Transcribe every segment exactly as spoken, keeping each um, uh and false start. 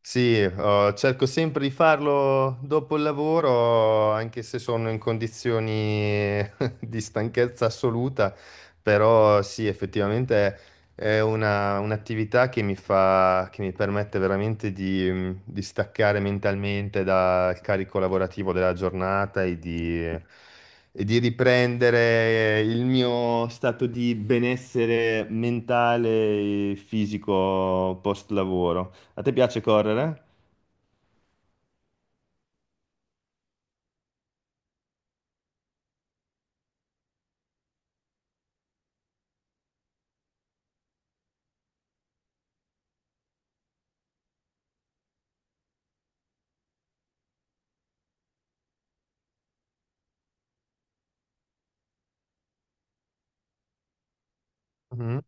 Sì, eh, cerco sempre di farlo dopo il lavoro, anche se sono in condizioni di stanchezza assoluta, però sì, effettivamente è una un'attività che mi fa che mi permette veramente di mhmm, di staccare mentalmente dal carico lavorativo della giornata e di e di riprendere il mio stato di benessere mentale e fisico post lavoro. A te piace correre? Mh-mh.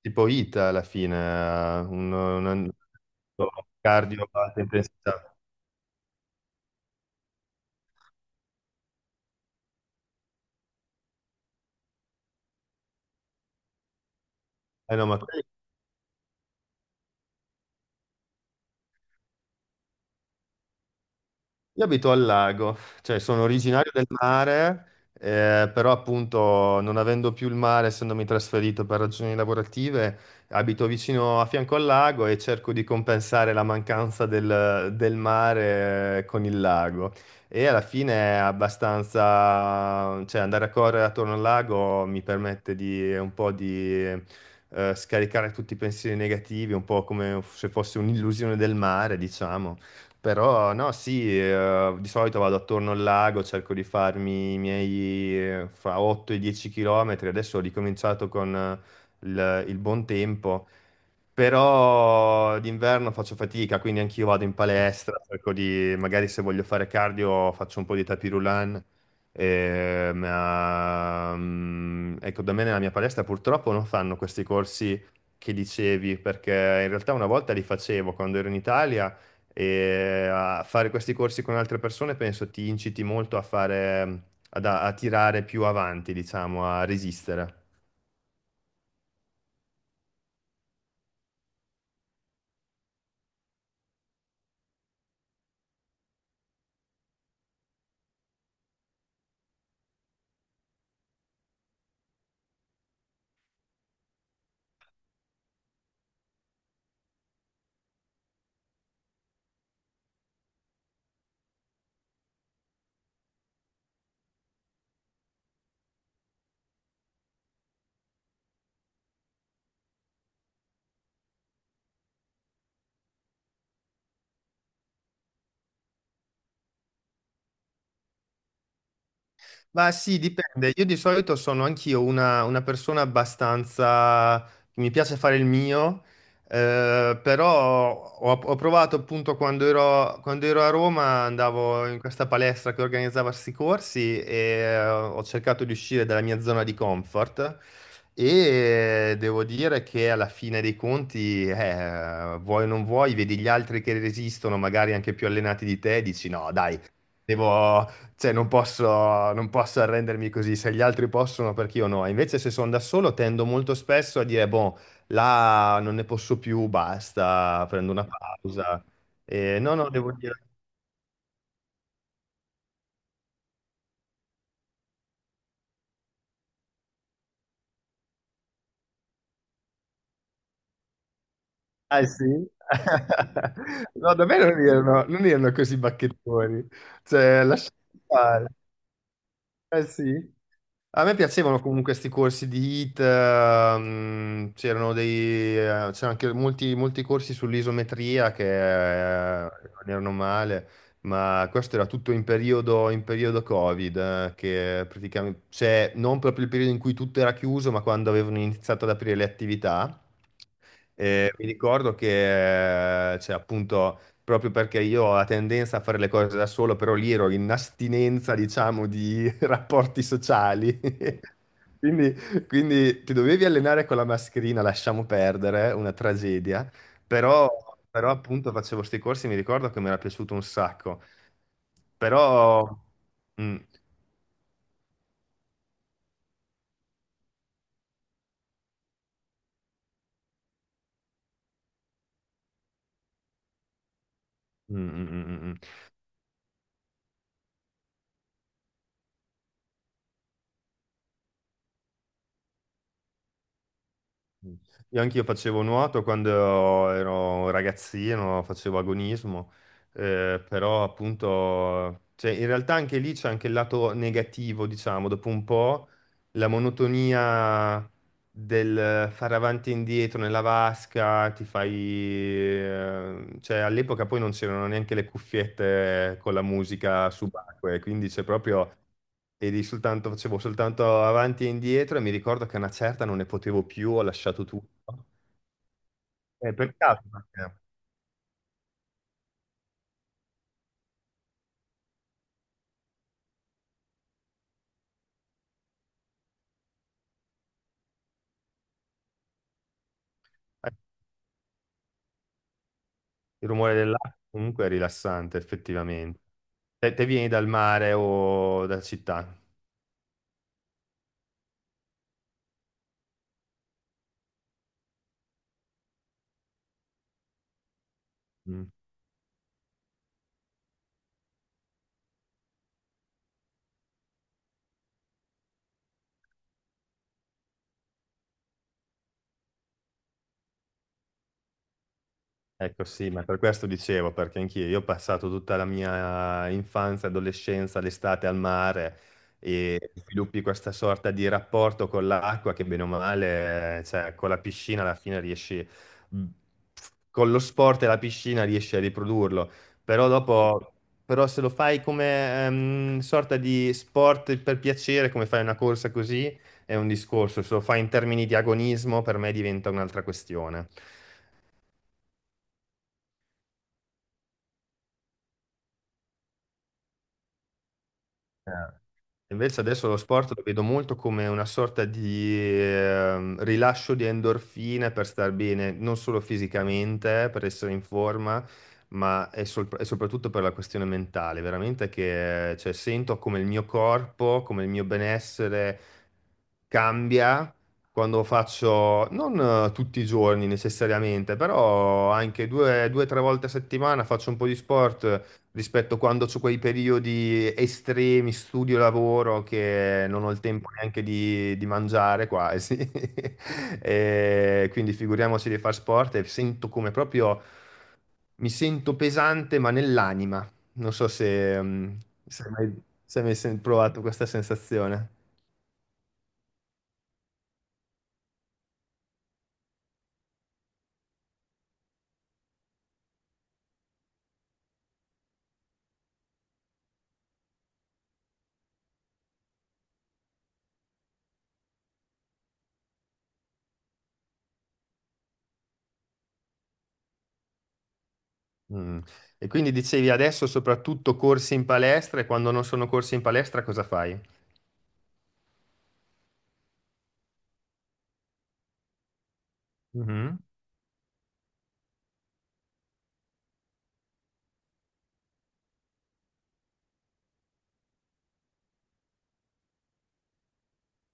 Tipo HIIT alla fine, eh, un un un cardio a alta intensità. Eh no, ma Io abito al lago, cioè sono originario del mare, eh, però appunto non avendo più il mare, essendomi trasferito per ragioni lavorative, abito vicino a fianco al lago e cerco di compensare la mancanza del, del mare eh, con il lago. E alla fine è abbastanza, cioè andare a correre attorno al lago mi permette di un po' di eh, scaricare tutti i pensieri negativi, un po' come se fosse un'illusione del mare, diciamo. Però no, sì, eh, di solito vado attorno al lago, cerco di farmi i miei eh, fra otto e dieci chilometri. Adesso ho ricominciato con eh, il, il buon tempo, però d'inverno faccio fatica, quindi anch'io vado in palestra, cerco di, magari se voglio fare cardio faccio un po' di tapis roulant. Eh, ma, mm, ecco, da me nella mia palestra purtroppo non fanno questi corsi che dicevi, perché in realtà una volta li facevo quando ero in Italia e a fare questi corsi con altre persone penso ti inciti molto a fare, ad- a tirare più avanti, diciamo, a resistere. Ma sì, dipende. Io di solito sono anch'io una, una persona abbastanza... che mi piace fare il mio, eh, però ho, ho provato appunto quando ero, quando ero a Roma, andavo in questa palestra che organizzava questi corsi e eh, ho cercato di uscire dalla mia zona di comfort e devo dire che alla fine dei conti, eh, vuoi o non vuoi, vedi gli altri che resistono, magari anche più allenati di te, e dici no, dai. Devo, cioè, non posso, non posso arrendermi così, se gli altri possono, perché io no. Invece, se sono da solo, tendo molto spesso a dire, boh, là non ne posso più, basta, prendo una pausa. E no, no, devo dire... Ah, sì? No, da me non erano, non erano così bacchettoni. Cioè, lasciate fare. Eh sì? A me piacevano comunque questi corsi di HIIT, ehm, c'erano dei, eh, c'erano anche molti, molti corsi sull'isometria che eh, non erano male, ma questo era tutto in periodo, in periodo Covid, eh, che praticamente, cioè non proprio il periodo in cui tutto era chiuso, ma quando avevano iniziato ad aprire le attività. Eh, mi ricordo che, eh, cioè, appunto, proprio perché io ho la tendenza a fare le cose da solo, però lì ero in astinenza, diciamo, di rapporti sociali. Quindi, quindi ti dovevi allenare con la mascherina, lasciamo perdere, eh, una tragedia, però, però appunto facevo questi corsi e mi ricordo che mi era piaciuto un sacco. Però... mm, mm, mm, mm, mm, mm. Mm. Io anch'io facevo nuoto quando ero ragazzino, facevo agonismo, eh, però appunto, cioè, in realtà anche lì c'è anche il lato negativo, diciamo, dopo un po' la monotonia del fare avanti e indietro nella vasca, ti fai... eh, cioè all'epoca poi non c'erano neanche le cuffiette con la musica subacquea, quindi c'è proprio e lì soltanto, facevo soltanto avanti e indietro e mi ricordo che a una certa non ne potevo più, ho lasciato tutto. Eh, per caso, perché eh, il rumore dell'acqua comunque è rilassante, effettivamente. Te, te vieni dal mare o da città? Mm. Ecco sì, ma per questo dicevo, perché anch'io io ho passato tutta la mia infanzia, adolescenza, l'estate al mare e sviluppi questa sorta di rapporto con l'acqua che bene o male, eh, cioè con la piscina alla fine riesci, mhmm, con lo sport e la piscina riesci a riprodurlo, però dopo, però se lo fai come ehm, sorta di sport per piacere, come fai una corsa così, è un discorso, se lo fai in termini di agonismo per me diventa un'altra questione. Eh. Invece adesso lo sport lo vedo molto come una sorta di ehm, rilascio di endorfine per star bene, non solo fisicamente, per essere in forma, ma è sol- e soprattutto per la questione mentale. Veramente che cioè, sento come il mio corpo, come il mio benessere cambia quando faccio, non eh, tutti i giorni necessariamente, però anche due, due, tre volte a settimana faccio un po' di sport rispetto quando ho quei periodi estremi, studio, lavoro, che non ho il tempo neanche di, di mangiare quasi. E quindi figuriamoci di far sport e sento come proprio, mi sento pesante ma nell'anima. Non so se, mm, se hai mai, se hai mai sen- provato questa sensazione. Mm. E quindi dicevi adesso soprattutto corsi in palestra e quando non sono corsi in palestra cosa fai? Mhm,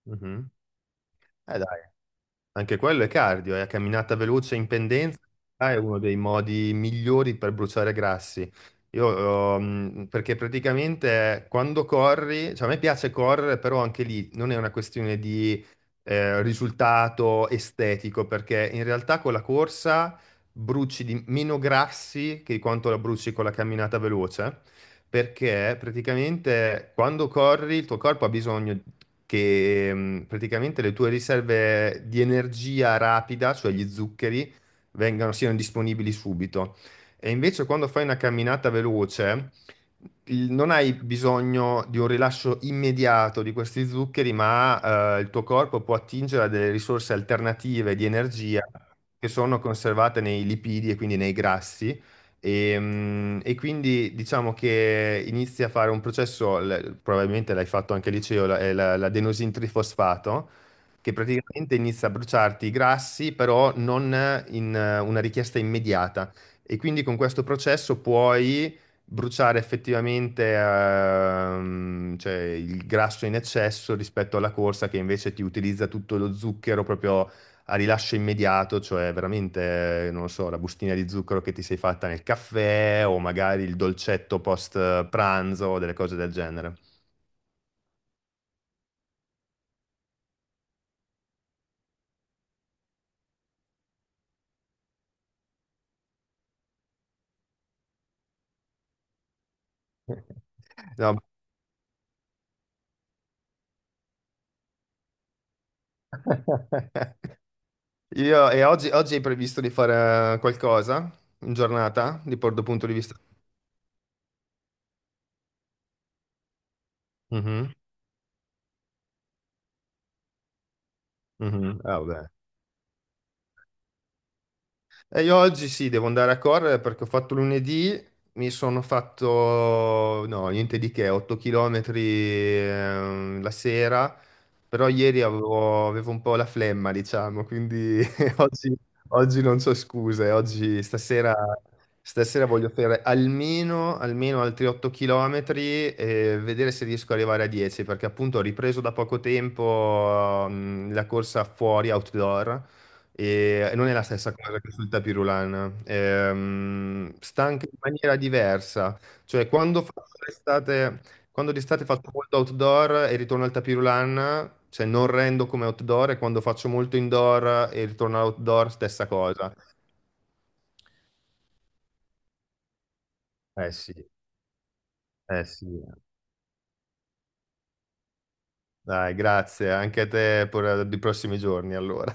mhm. Eh dai. Anche quello è cardio, è a camminata veloce in pendenza, ah, è uno dei modi migliori per bruciare grassi. Io, ehm, perché praticamente quando corri, cioè a me piace correre, però anche lì non è una questione di eh, risultato estetico, perché in realtà con la corsa bruci di meno grassi che quanto la bruci con la camminata veloce perché praticamente quando corri il tuo corpo ha bisogno che mm, praticamente le tue riserve di energia rapida, cioè gli zuccheri, vengano, siano disponibili subito. E invece quando fai una camminata veloce, il- non hai bisogno di un rilascio immediato di questi zuccheri, ma eh, il tuo corpo può attingere a delle risorse alternative di energia che sono conservate nei lipidi e quindi nei grassi. Ehm, E, quindi diciamo che inizi a fare un processo, l- probabilmente l'hai fatto anche al liceo, la- è la- l'adenosin trifosfato, che praticamente inizia a bruciarti i grassi, però non in eh, una richiesta immediata. E quindi con questo processo puoi bruciare effettivamente ehm, cioè, il grasso in eccesso rispetto alla corsa che invece ti utilizza tutto lo zucchero proprio a rilascio immediato, cioè veramente, non lo so, la bustina di zucchero che ti sei fatta nel caffè o magari il dolcetto post pranzo o delle cose del genere. No. Io, e oggi, oggi hai previsto di fare qualcosa in giornata, di dal punto di vista? Mhm, mhm. Ah, vabbè. E io oggi sì, devo andare a correre perché ho fatto lunedì, mi sono fatto, no, niente di che, otto chilometri la sera, però ieri avevo, avevo un po' la flemma, diciamo, quindi oggi, oggi non c'ho scuse, oggi stasera, stasera voglio fare almeno, almeno altri otto chilometri e vedere se riesco ad arrivare a dieci, perché appunto ho ripreso da poco tempo mm, la corsa fuori, outdoor. E non è la stessa cosa che sul tapirulan, ehm, sta anche in maniera diversa, cioè quando faccio l'estate, quando d'estate faccio molto outdoor e ritorno al tapirulan, cioè non rendo come outdoor e quando faccio molto indoor e ritorno all'outdoor stessa cosa. Eh sì, eh sì, dai, grazie, anche a te per eh, i prossimi giorni allora.